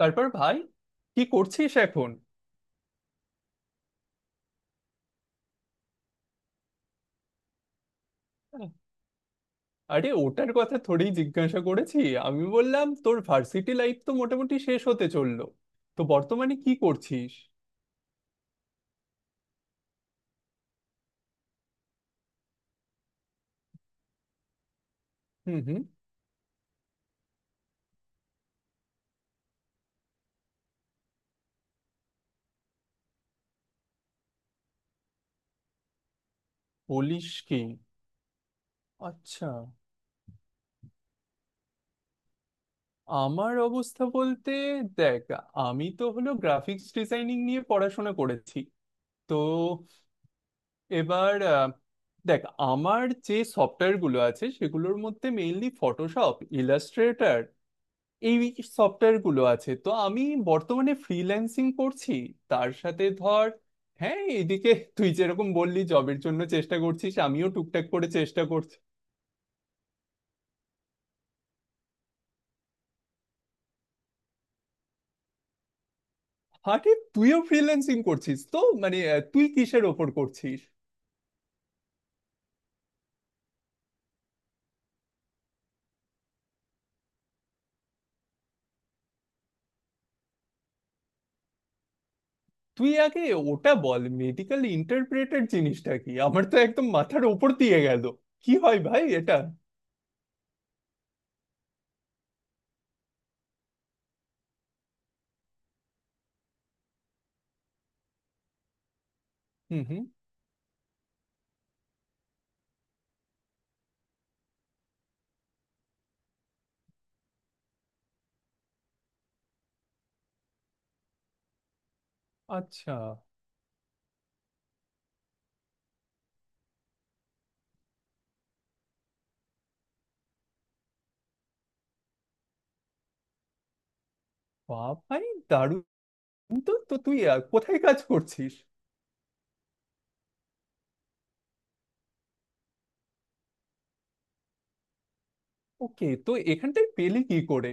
তারপর ভাই, কি করছিস এখন? আরে ওটার কথা থোড়েই জিজ্ঞাসা করেছি, আমি বললাম তোর ভার্সিটি লাইফ তো মোটামুটি শেষ হতে চললো, তো বর্তমানে কি করছিস? হুম হুম। বলিস কি? আচ্ছা। আমার অবস্থা বলতে, দেখ, আমি তো হলো গ্রাফিক্স ডিজাইনিং নিয়ে পড়াশোনা করেছি। তো এবার দেখ, আমার যে সফটওয়্যার গুলো আছে সেগুলোর মধ্যে মেইনলি ফটোশপ, ইলাস্ট্রেটর, এই সফটওয়্যার গুলো আছে। তো আমি বর্তমানে ফ্রিল্যান্সিং করছি। তার সাথে ধর, হ্যাঁ এদিকে তুই যেরকম বললি জবের জন্য চেষ্টা করছিস, আমিও টুকটাক করে চেষ্টা করছি। আরে তুইও ফ্রিল্যান্সিং করছিস? তো মানে তুই কিসের ওপর করছিস? তুই আগে ওটা বল, মেডিকেল ইন্টারপ্রেটার জিনিসটা কি? আমার তো একদম মাথার ওপর দিয়ে গেল। কি হয় ভাই এটা? হুম হুম। আচ্ছা। বা ভাই, দারুণ। তো তো তুই কোথায় কাজ করছিস? ওকে, তো এখানটায় পেলি কি করে?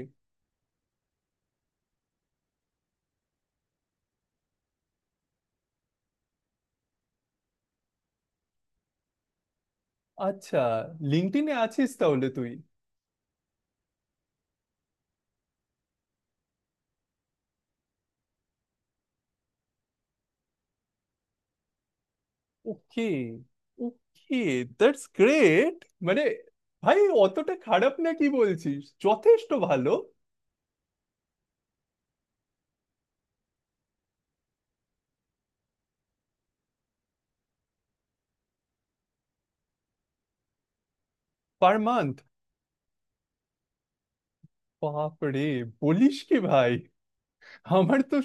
আচ্ছা, লিঙ্কডইনে আছিস তাহলে তুই। Okay okay, that's great. মানে ভাই অতটা খারাপ না কি বলছিস, যথেষ্ট ভালো। Per month? বাপ রে, বলিস কি ভাই! আমার তো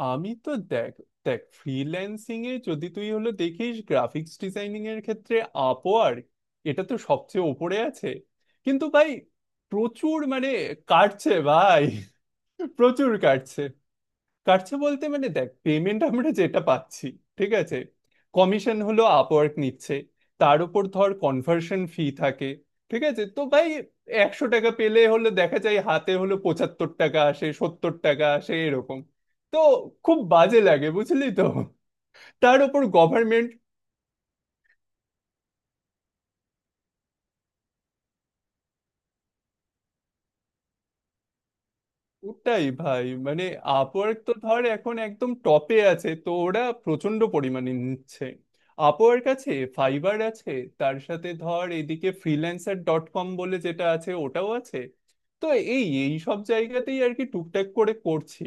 আমি তো দেখ, দেখ, ফ্রিল্যান্সিং এ যদি তুই হলো দেখিস গ্রাফিক্স ডিজাইনিং এর ক্ষেত্রে, আপওয়ার্ক, এটা তো সবচেয়ে ওপরে আছে। কিন্তু ভাই, প্রচুর মানে কাটছে ভাই, প্রচুর কাটছে। কাটছে বলতে মানে দেখ, পেমেন্ট আমরা যেটা পাচ্ছি, ঠিক আছে, কমিশন হলো আপওয়ার্ক নিচ্ছে, তার উপর ধর কনভার্সন ফি থাকে, ঠিক আছে? তো ভাই, 100 টাকা পেলে হলো দেখা যায় হাতে হলো 75 টাকা আসে, 70 টাকা আসে, এরকম। তো খুব বাজে লাগে, বুঝলি তো। তার উপর গভর্নমেন্ট। ওটাই ভাই মানে, আপওয়ার্ক তো ধর এখন একদম টপে আছে তো ওরা প্রচন্ড পরিমাণে নিচ্ছে। আপওয়ার্ক আছে, ফাইবার আছে, তার সাথে ধর এদিকে ফ্রিল্যান্সার ডট কম বলে যেটা আছে ওটাও আছে। তো এই এই সব জায়গাতেই আর কি টুকটাক করে করছি।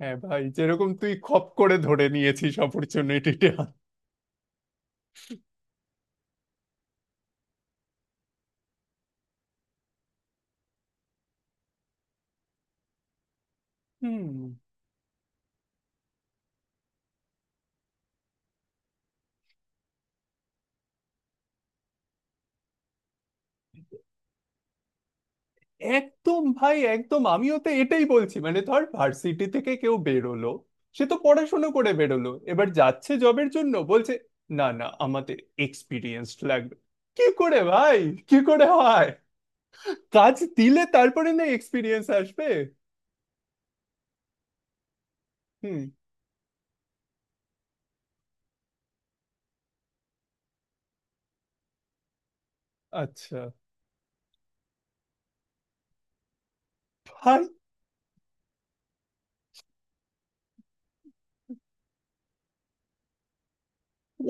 হ্যাঁ ভাই, যেরকম তুই খপ করে ধরে নিয়েছিস অপরচুনিটিটা। হুম। একদম ভাই, একদম, আমিও তো এটাই বলছি। মানে ধর ভার্সিটি থেকে কেউ বেরোলো, সে তো পড়াশোনা করে বেরোলো, এবার যাচ্ছে জবের জন্য, বলছে না না, আমাদের এক্সপিরিয়েন্স লাগবে। কি করে ভাই, কি করে হয়? কাজ দিলে তারপরে না এক্সপিরিয়েন্স আসবে। হুম। আচ্ছা ভাই,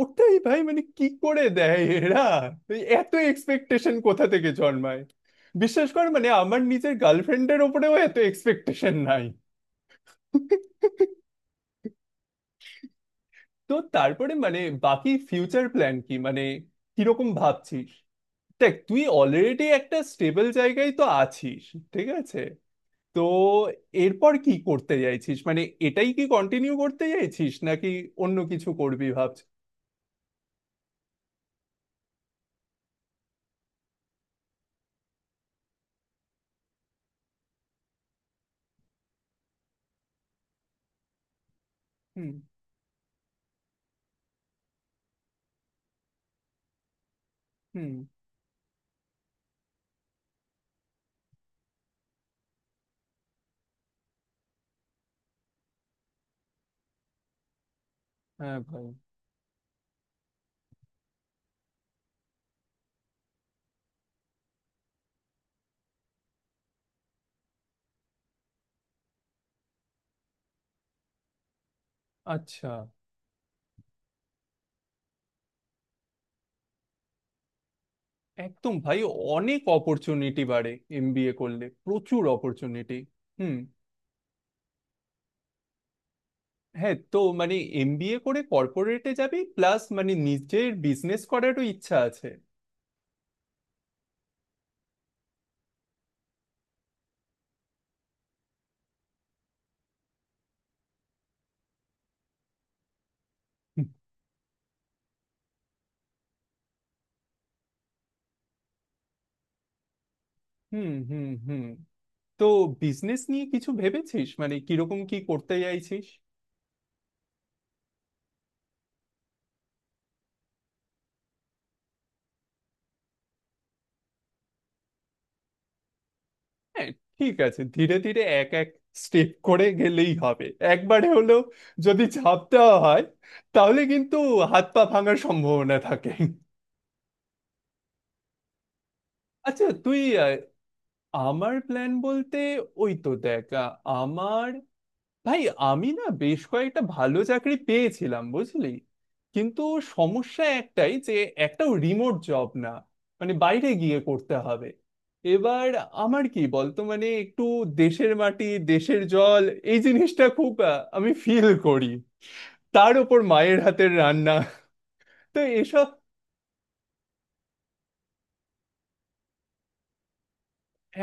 ওটাই ভাই মানে কি করে দেয় এরা? এই এত এক্সপেকটেশন কোথা থেকে জন্মায়? বিশ্বাস কর মানে আমার নিজের গার্লফ্রেন্ডের ওপরেও এত এক্সপেকটেশন নাই। তো তারপরে মানে বাকি ফিউচার প্ল্যান কি, মানে কিরকম ভাবছিস? দেখ, তুই অলরেডি একটা স্টেবল জায়গায় তো আছিস, ঠিক আছে। তো এরপর কি করতে চাইছিস, মানে এটাই কি কন্টিনিউ করতে চাইছিস নাকি অন্য কিছু করবি ভাবছিস? হুম হুম। হ্যাঁ ভাই। আচ্ছা। একদম ভাই, অনেক অপরচুনিটি বাড়ে, এমবিএ করলে প্রচুর অপরচুনিটি। হুম। হ্যাঁ, তো মানে এমবিএ করে কর্পোরেটে যাবি, প্লাস মানে নিজের বিজনেস করারও ইচ্ছা আছে। হুম হুম হুম। তো বিজনেস নিয়ে কিছু ভেবেছিস, মানে কিরকম কি করতে চাইছিস? হ্যাঁ, ঠিক আছে, ধীরে ধীরে এক এক স্টেপ করে গেলেই হবে। একবারে হলেও যদি ঝাঁপ দেওয়া হয় তাহলে কিন্তু হাত পা ভাঙার সম্ভাবনা থাকে। আচ্ছা তুই, আহ, আমার প্ল্যান বলতে, ওই তো দেখ আমার, ভাই, আমি না বেশ কয়েকটা ভালো চাকরি পেয়েছিলাম বুঝলি। কিন্তু সমস্যা একটাই যে একটাও রিমোট জব না, মানে বাইরে গিয়ে করতে হবে। এবার আমার কি বলতো, মানে একটু দেশের মাটি, দেশের জল, এই জিনিসটা খুব আমি ফিল করি। তার উপর মায়ের হাতের রান্না। তো এসব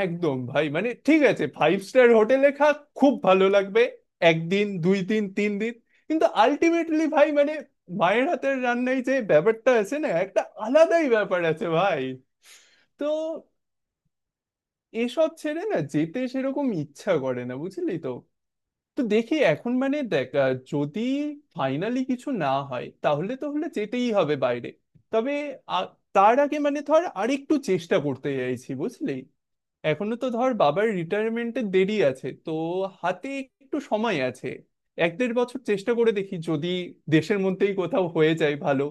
একদম ভাই, মানে ঠিক আছে ফাইভ স্টার হোটেলে খা, খুব ভালো লাগবে একদিন, দুই দিন, তিন দিন, কিন্তু আলটিমেটলি ভাই মানে মায়ের হাতের রান্নায় যে ব্যাপারটা আছে না, একটা আলাদাই ব্যাপার আছে ভাই। তো এসব ছেড়ে না যেতে সেরকম ইচ্ছা করে না, বুঝলি তো। তো দেখি এখন, মানে দেখ যদি ফাইনালি কিছু না হয় তাহলে তো হলে যেতেই হবে বাইরে। তবে আ- তার আগে মানে ধর আরেকটু চেষ্টা করতে চাইছি বুঝলি। এখনো তো ধর বাবার রিটায়ারমেন্টে দেরি আছে তো, হাতে একটু সময় আছে। এক দেড় বছর চেষ্টা করে দেখি যদি দেশের মধ্যেই কোথাও হয়ে যায় ভালো,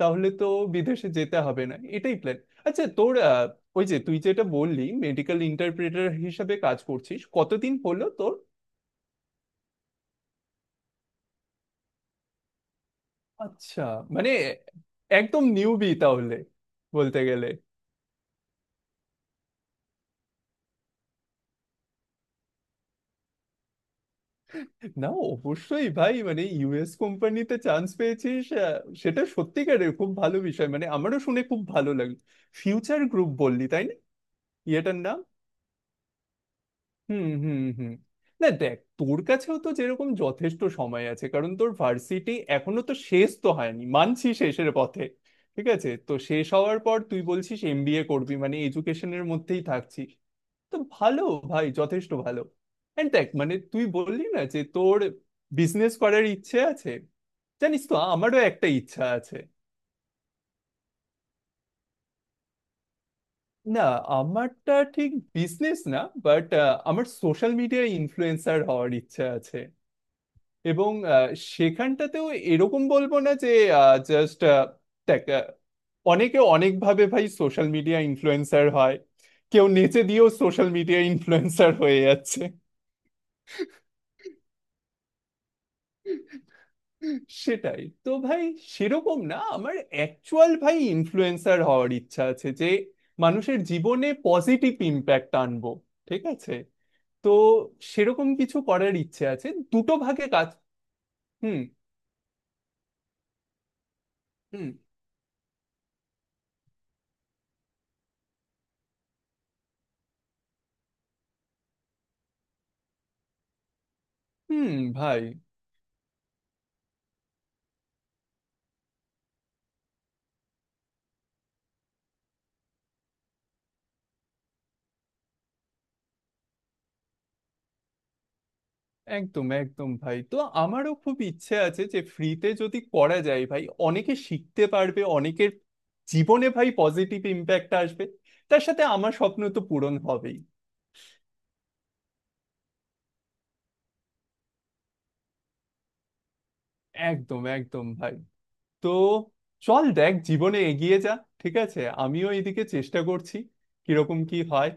তাহলে তো বিদেশে যেতে হবে না, এটাই প্ল্যান। আচ্ছা তোর ওই যে তুই যেটা বললি মেডিকেল ইন্টারপ্রেটার হিসাবে কাজ করছিস, কতদিন হলো তোর? আচ্ছা, মানে একদম নিউবি তাহলে বলতে গেলে। না, অবশ্যই ভাই মানে ইউএস কোম্পানিতে চান্স পেয়েছিস, সেটা সত্যিকারের খুব ভালো বিষয়, মানে আমারও শুনে খুব ভালো লাগলো। ফিউচার গ্রুপ বললি তাই না? ইয়েটার নাম। হুম হুম হুম। না দেখ, তোর কাছেও তো যেরকম যথেষ্ট সময় আছে, কারণ তোর ভার্সিটি এখনো তো শেষ তো হয়নি, মানছি শেষের পথে। ঠিক আছে, তো শেষ হওয়ার পর তুই বলছিস এমবিএ করবি, মানে এডুকেশনের মধ্যেই থাকছিস। তো ভালো, ভাই যথেষ্ট ভালো। এন্ড দেখ, মানে তুই বললি না যে তোর বিজনেস করার ইচ্ছে আছে, জানিস তো আমারও একটা ইচ্ছা আছে। না, আমারটা ঠিক বিজনেস না, বাট আমার সোশ্যাল মিডিয়া ইনফ্লুয়েন্সার হওয়ার ইচ্ছা আছে। এবং সেখানটাতেও এরকম বলবো না যে, জাস্ট দেখ অনেকে অনেকভাবে ভাই সোশ্যাল মিডিয়া ইনফ্লুয়েন্সার হয়, কেউ নেচে দিয়েও সোশ্যাল মিডিয়া ইনফ্লুয়েন্সার হয়ে যাচ্ছে। সেটাই তো ভাই, সেরকম না, আমার অ্যাকচুয়াল ভাই ইনফ্লুয়েন্সার হওয়ার ইচ্ছা আছে যে মানুষের জীবনে পজিটিভ ইম্প্যাক্ট আনবো, ঠিক আছে। তো সেরকম কিছু করার ইচ্ছে আছে, দুটো ভাগে কাজ। হুম হুম হুম। ভাই, একদম একদম ভাই, তো আমারও খুব ইচ্ছে আছে যে ফ্রিতে যদি করা যায়, ভাই অনেকে শিখতে পারবে, অনেকের জীবনে ভাই পজিটিভ ইম্প্যাক্ট আসবে। তার সাথে আমার স্বপ্ন তো পূরণ হবেই। একদম একদম ভাই। তো চল, দেখ, জীবনে এগিয়ে যা। ঠিক আছে, আমিও এদিকে চেষ্টা করছি, কিরকম কি হয়।